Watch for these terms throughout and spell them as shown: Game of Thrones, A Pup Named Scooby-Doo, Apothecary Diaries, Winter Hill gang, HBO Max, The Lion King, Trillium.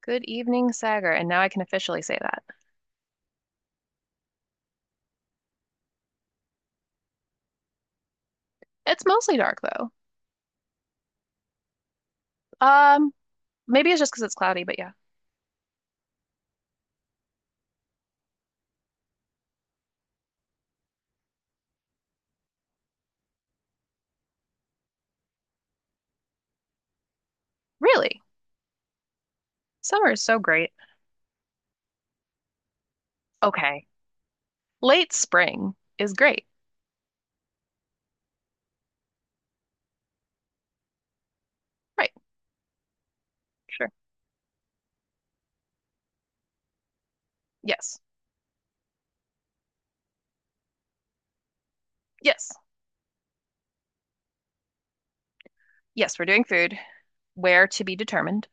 Good evening, Sagar. And now I can officially say that. It's mostly dark though. Um, Maybe it's just because it's cloudy, but yeah. Really? Summer is so great. Okay. Late spring is great. Right. Sure. Yes. Yes. Yes, we're doing food. Where to be determined.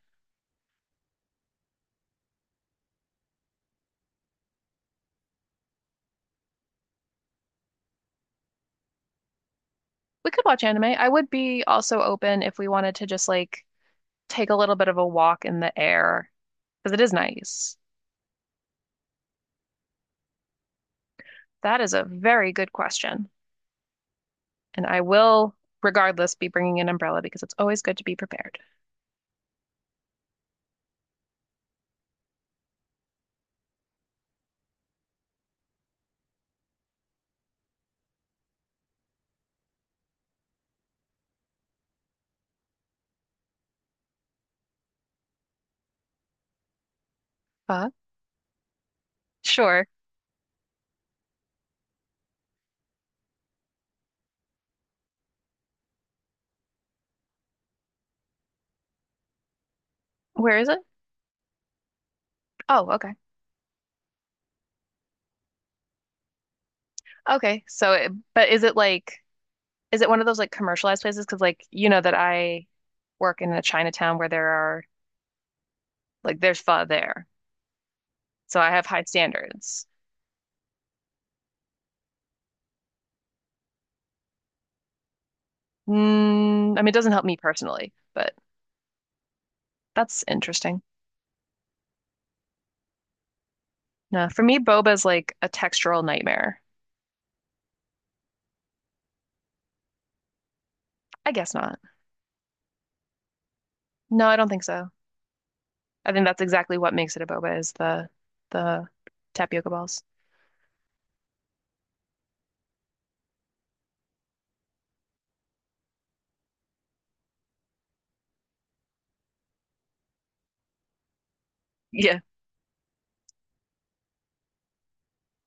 We could watch anime. I would be also open if we wanted to just like take a little bit of a walk in the air because it is nice. That is a very good question. And I will, regardless, be bringing an umbrella because it's always good to be prepared. Uh, sure. Where is it? Oh, okay. Okay. So, it, but is it like, is it one of those like commercialized places? Because like, you know that I work in a Chinatown where there are like there's pho there. So I have high standards. Mm, I mean, it doesn't help me personally, but that's interesting. No, for me, boba is like a textural nightmare. I guess not. No, I don't think so. I think that's exactly what makes it a boba is the tapioca balls. Yeah.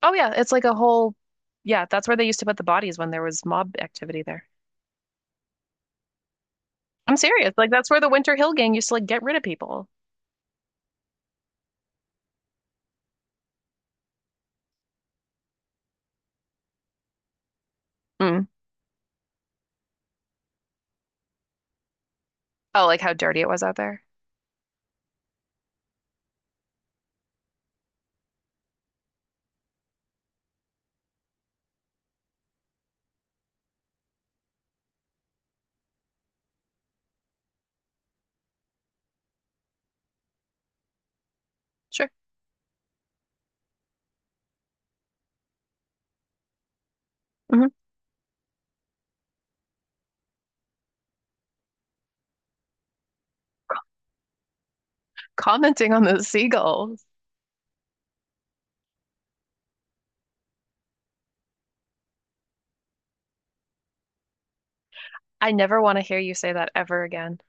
Oh yeah, it's like a whole yeah, that's where they used to put the bodies when there was mob activity there. I'm serious. Like that's where the Winter Hill gang used to like get rid of people. Mm. Oh, like how dirty it was out there. Sure. Hmm. Commenting on the seagulls. I never want to hear you say that ever again.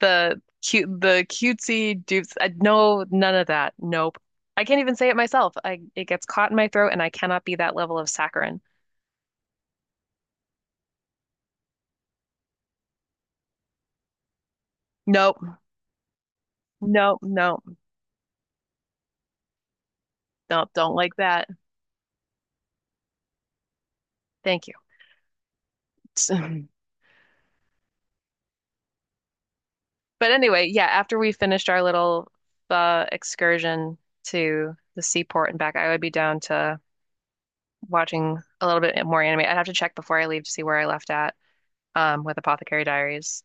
The cute the cutesy dupes, I, no, none of that. Nope, I can't even say it myself, I it gets caught in my throat and I cannot be that level of saccharine. Nope, nope, nope, nope, don't like that. Thank you. but anyway, yeah, after we finished our little excursion to the seaport and back I would be down to watching a little bit more anime. I'd have to check before I leave to see where I left at, um, with Apothecary Diaries.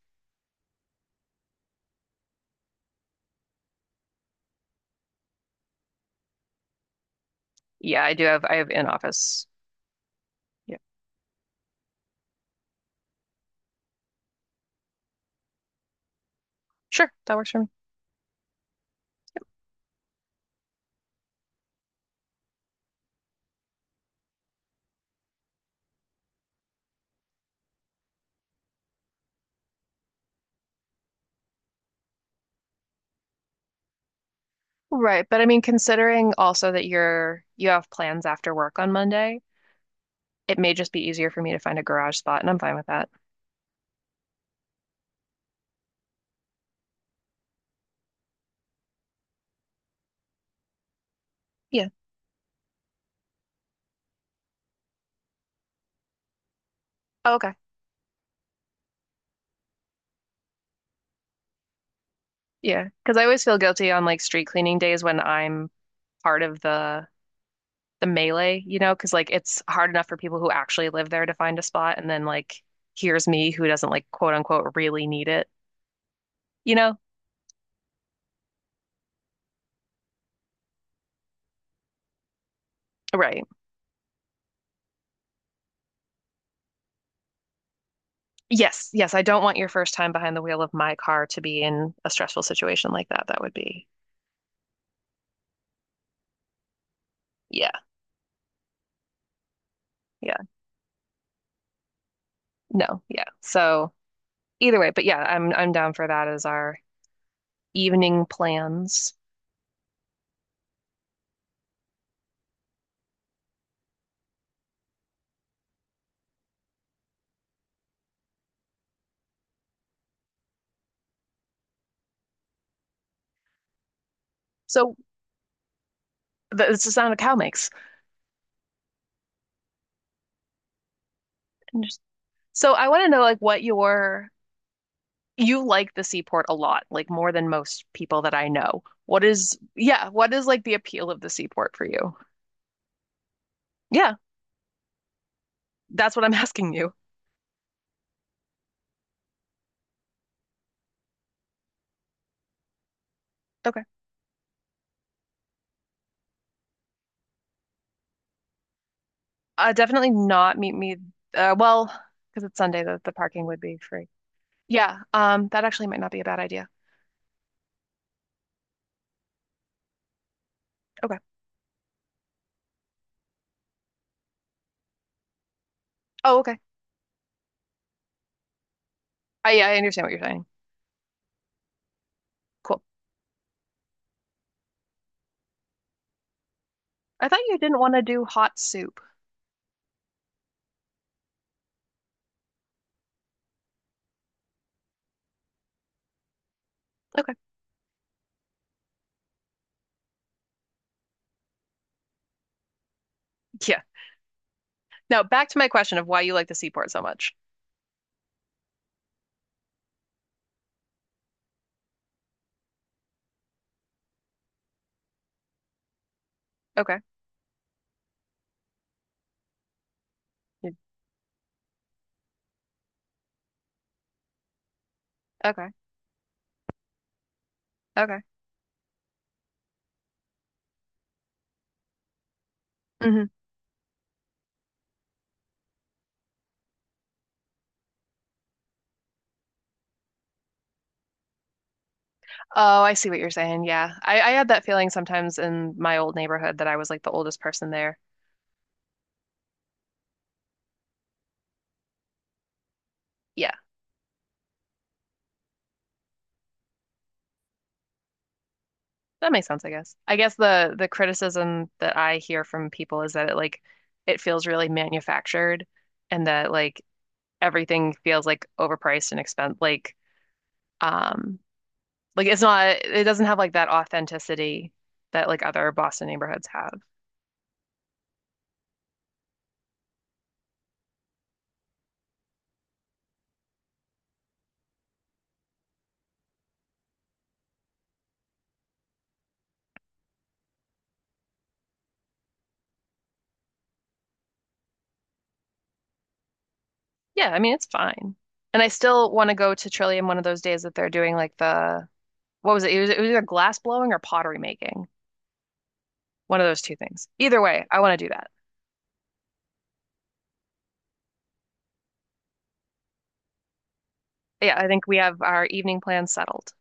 Yeah, I do have, I have in office. Yeah, sure, that works for me. Right, but I mean, considering also that you have plans after work on Monday, it may just be easier for me to find a garage spot, and I'm fine with that. Yeah. Oh, okay. Yeah, because I always feel guilty on like street cleaning days when I'm part of the melee, you know, because like it's hard enough for people who actually live there to find a spot, and then like here's me who doesn't like quote unquote really need it, you know? Right. Yes, yes, I don't want your first time behind the wheel of my car to be in a stressful situation like that. That would be, yeah, yeah, no, yeah. So, either way, but yeah, I'm down for that as our evening plans. So it's the sound a cow makes. And just, so I want to know like what your, you like the seaport a lot, like more than most people that I know. What is, yeah, what is like the appeal of the seaport for you? Yeah, that's what I'm asking you. Okay. Definitely not meet me, well, because it's Sunday, the parking would be free. Yeah, that actually might not be a bad idea. Okay. Oh, okay. I, yeah, I understand what you're saying. Cool. I thought you didn't want to do hot soup. Okay. Yeah. Now back to my question of why you like the seaport so much. Okay. Yeah. Okay. Okay. Hmm. Oh, I see what you're saying. Yeah. I had that feeling sometimes in my old neighborhood that I was like the oldest person there. Yeah. That makes sense, I guess. I guess the criticism that I hear from people is that it like it feels really manufactured and that like everything feels like overpriced and expensive, like, um, like it's not, it doesn't have like that authenticity that like other Boston neighborhoods have. Yeah, I mean it's fine. And I still want to go to Trillium one of those days that they're doing like the, what was it? It was either glass blowing or pottery making. One of those two things. Either way, I want to do that. Yeah, I think we have our evening plans settled.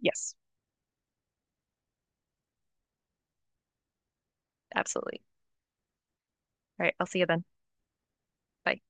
Yes, absolutely. All right, I'll see you then. Bye.